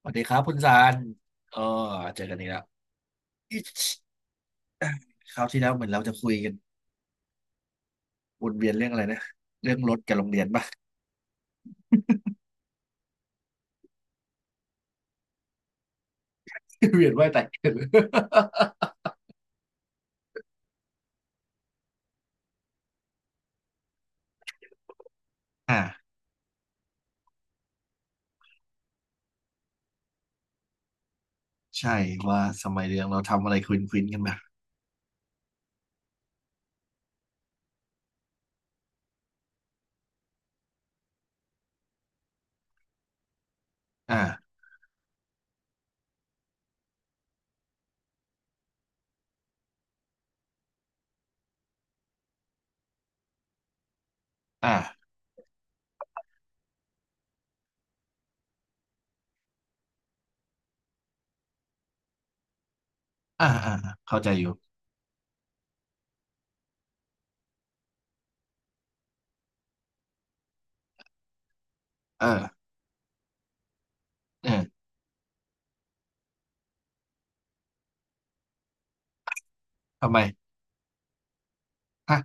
สวัสดีครับคุณซานเออเจอกันอีกแล้วอิ๊ชคราวที่แล้วเหมือนเราจะคุยกันวนเวียนเรื่องอะไรนะเรื่องรถกับโรงเรียนป่ะ เวียนว่ายตายเกิด อ่าใช่ว่าสมัยเรียนเราทำอะไรควินควินกันแบบอ่าอ่าอ่าเข้าใจอยู่เออเออทำไมฮะ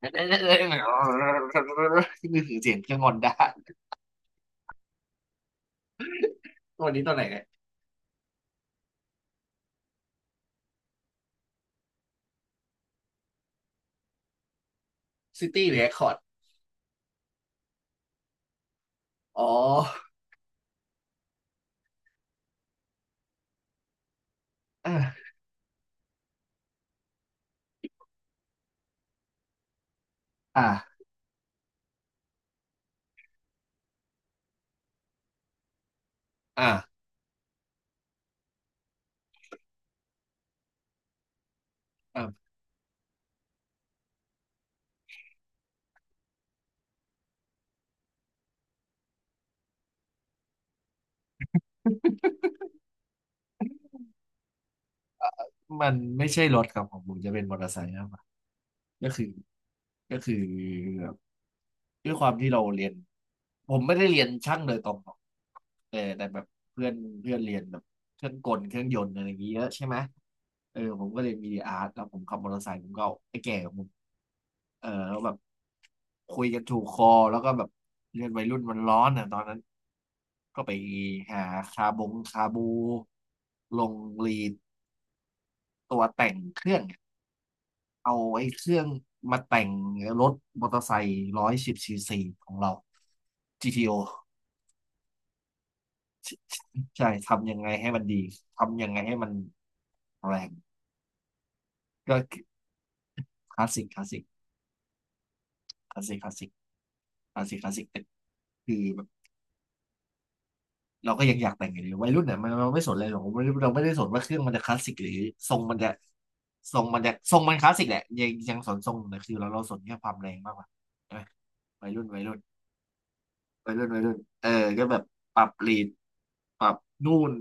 นี่คือเสียงเครื่องงอนได้วันนี้ตัวไหนเนี่ยซิตี้เรคคอร์ดอ๋ออ่าอ่าอ่า มันไม่ใช่รถครับของผมจะเป็นมอเตอร์ไซค์มากกว่าก็คือก็คือแบบด้วยความที่เราเรียนผมไม่ได้เรียนช่างโดยตรงหรอกแต่แบบเพื่อนเพื่อนเรียนแบบเครื่องกลเครื่องยนต์อะไรอย่างเงี้ยเยอะใช่ไหมเออผมก็เรียนมีดีอาร์ตแล้วผมขับมอเตอร์ไซค์ผมก็เอาไอ้แก่ของผมเออแล้วแบบคุยกันถูกคอแล้วก็แบบเรียนวัยรุ่นมันร้อนอ่ะตอนนั้นก็ไปหาคาบงคาบูลงรีดตัวแต่งเครื่อง เอาไอ้เครื่องมาแต่งรถมอเตอร์ไซค์ร้อยสิบซีซีของเรา GTO ใช่ทำยังไงให้มันดีทำยังไงให้มันแรงก็คลาสสิกคลาสสิกคลาสสิกคลาสสิกคลาสสิกคลาสสิกแต่คือแบบเราก็ยังอยากแต่งอยู่ดีวัยรุ่นเนี่ยมันเราไม่สนเลยหรอกเราไม่ได้สนว่าเครื่องมันจะคลาสสิกหรือทรงมันจะทรงมันคลาสสิกแหละยังสนทรงแต่คือเราสนแค่ความแรงมากกว่าใช่ไหมวัยรุ่นวัยรุ่น วัยรุ่นวัยรุ่นเออก็แบบปรับลีดปรับนู่น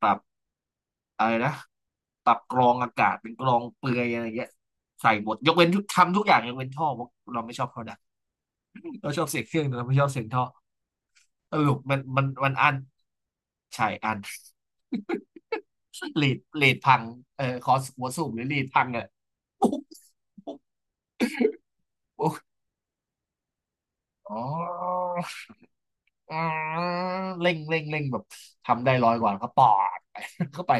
ปรับอะไรนะปรับกรองอากาศเป็นกรองเปลือยอะไรเงี้ยใส่หมดยกเว้นทุกทำทุกอย่างยกเว้นท่อเพราะเราไม่ชอบเขาดังเราชอบเสียงเครื่องแต่เราไม่ชอบเสียงท่อสรุปมันอันใช่อัน เลีดพังเออคอสหัวสูบหรือเลีดพังอ่ะปุ๊บปุ๊บปุ๊บอ๋ออืเร่งแบบทำได้ร้อยกว่าแล้วก็ปอด เข้าไป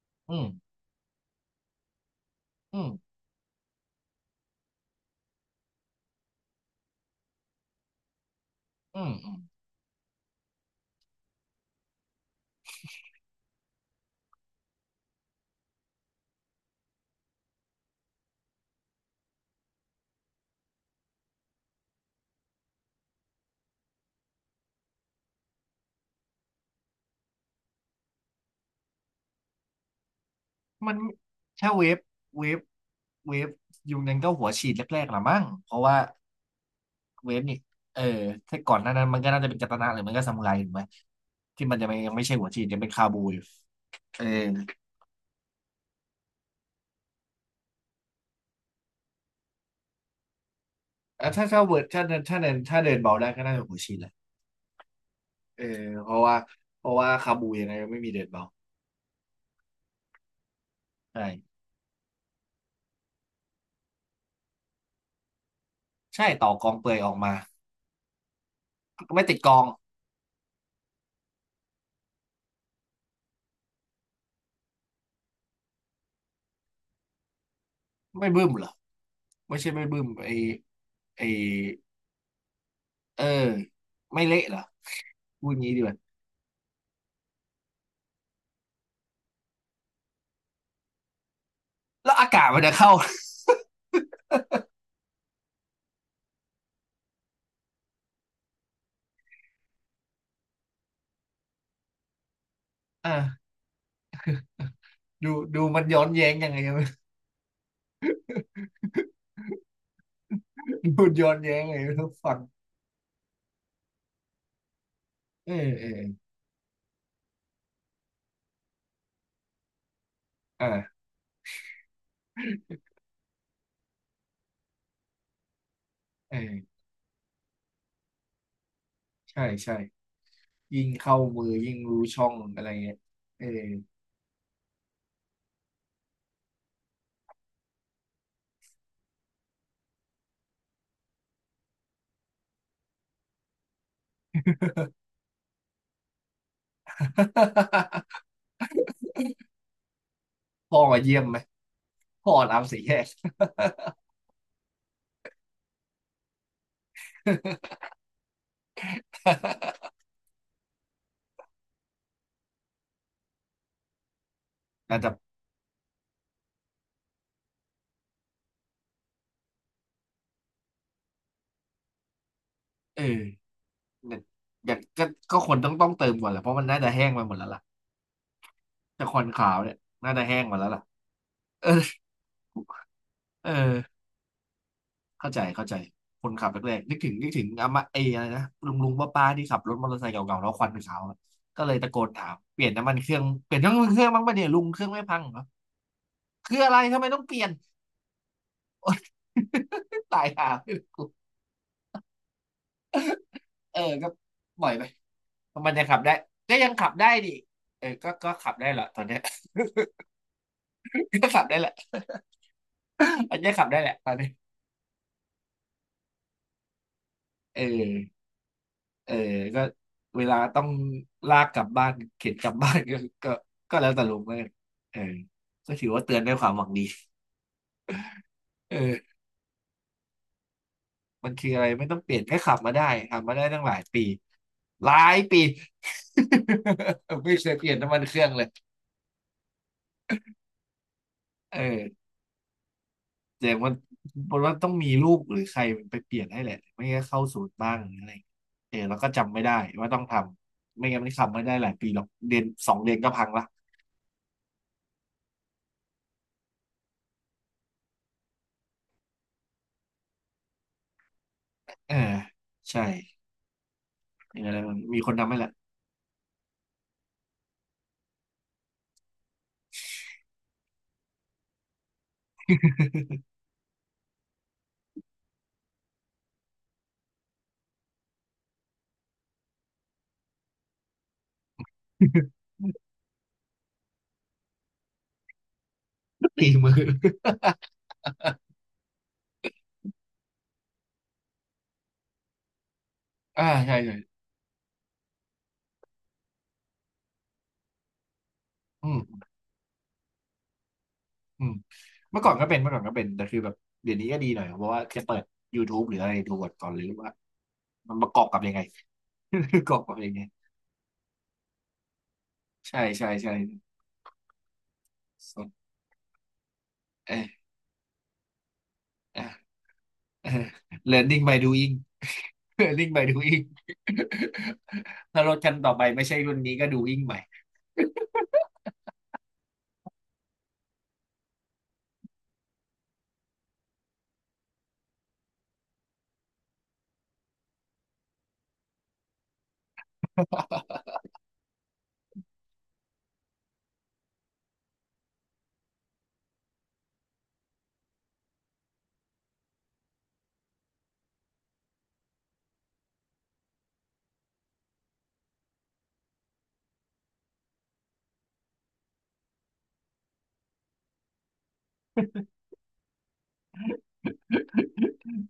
อืม อืมอืมอืมมันถ้าเวฟเวฟเวฟยุคนั้นก็หัวฉีดแรกๆละมั้งเพราะว่าเวฟนี่เออถ้าก่อนหน้านั้นมันก็น่าจะเป็นกัตนะหรือมันก็ซามูไรถูกไหมที่มันจะไม่ยังไม่ใช่หัวฉีดยังเป็นคาบูอยู่เออแล้วถ้าเวิร์ดถ้าเดินเบาได้ก็น่าจะหัวฉีดแหละเออเพราะว่าเพราะว่าคาบูยังไงก็ไม่มีเดินเบาใช่ใช่ต่อกองเปลือยออกมาก็ไม่ติดกองไม่บึ้มเหรอไม่ใช่ไม่บึ้มไอไอเออไม่เละเหรอพูดงี้ดีกว่า แล้วอากาศมันจะเข้า อ่าดูดูมันย้อนแย้งยังไงไม่ร ดูย้อนแย้งยังไงไมฟังเออเอออ่าเออใช่ใช่ยิ่งเข้ามือยิ่งรู้ช่องอะไรเงี้ยเออ พ่อมาเยี่ยมไหม พ่อน้ำสีแยก น่าจะเออเนี่ยอย่างก็คนต้องเติมก่อนแหละเพราะมันน่าจะแห้งไปหมดแล้วล่ะแต่คอนขาวเนี่ยน่าจะแห้งหมดแล้วล่ะเออเออ เข้าใจคนขับแรกๆนึกถึงอามาอะไรนะลุงป้าที่ขับรถมอเตอร์ไซค์เก่าๆแล้วควันเป็นขาวอะก็เลยตะโกนถามเปลี่ยนน้ำมันเครื่องบ้างปะเนี่ยลุงเครื่องไม่พังเหรอคืออะไรทำไมต้องเปลี่ยน ตายห่รเออก็ปล่อยไปมันยังขับได้ก็ยังขับได้ดิเออก็ขับได้แหละตอนเนี้ย ก็ขับได้แหละ อันนี้ขับได้แหละตอนนี้เออ เออก็เวลาต้องลากกลับบ้านเข็นกลับบ้านก็ ก็ก็แล้วแต่ลุงเลยวันเออก็ถือว่าเตือนด้วยความหวังดี เออมันคืออะไรไม่ต้องเปลี่ยนแค่ขับมาได้ขับมาได้ตั้งหลายปีหลายปี ไม่เคยเปลี่ยนน้ำมันเครื่องเลยเออแต่มันว่าต้องมีลูกหรือใครมันไปเปลี่ยนให้แหละไม่งั้นเข้าศูนย์บ้างหรืออะไรเออแล้วก็จำไม่ได้ว่าต้องทำไม่งั้นมันทำไม่ได้หลายปีหรอกเดือนสองเดือนก็พังละเออใช่เออมีคนทำให้ละ ตีมืออ่าใช่ใช่อืมอืมเมื่อก่อนก็เป็นแต่คือแบบเดี๋ยวนี้ก็ดีหน่อยเพราะว่าจะเปิด YouTube หรืออะไรดูก่อนหรือว่ามันประกอบกับยังไง ประกอบกับยังไงใช่สดเออเออเออ learning by doing learning by doing ถ้ารถคันต่อไปไม่ใช่รุ่นนี้ก็ doing ใหม่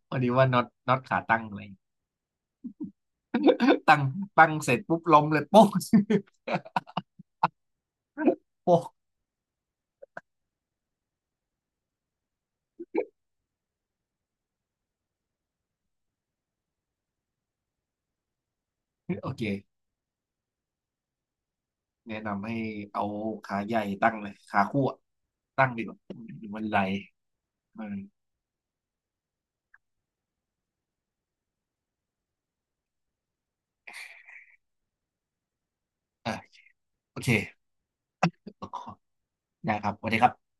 พนนี้ว่าน็อตขาตั้งอะไรตั้งตั้งเสร็จปุ๊บล้มเลย โป๊ก โป๊กโอเค แนะนำให้เอาขาใหญ่ตั้งเลยขาคู่อะตั้งดีกว่ามันไหลเอออ่ะโอเคได้ครับสวัสดีครับ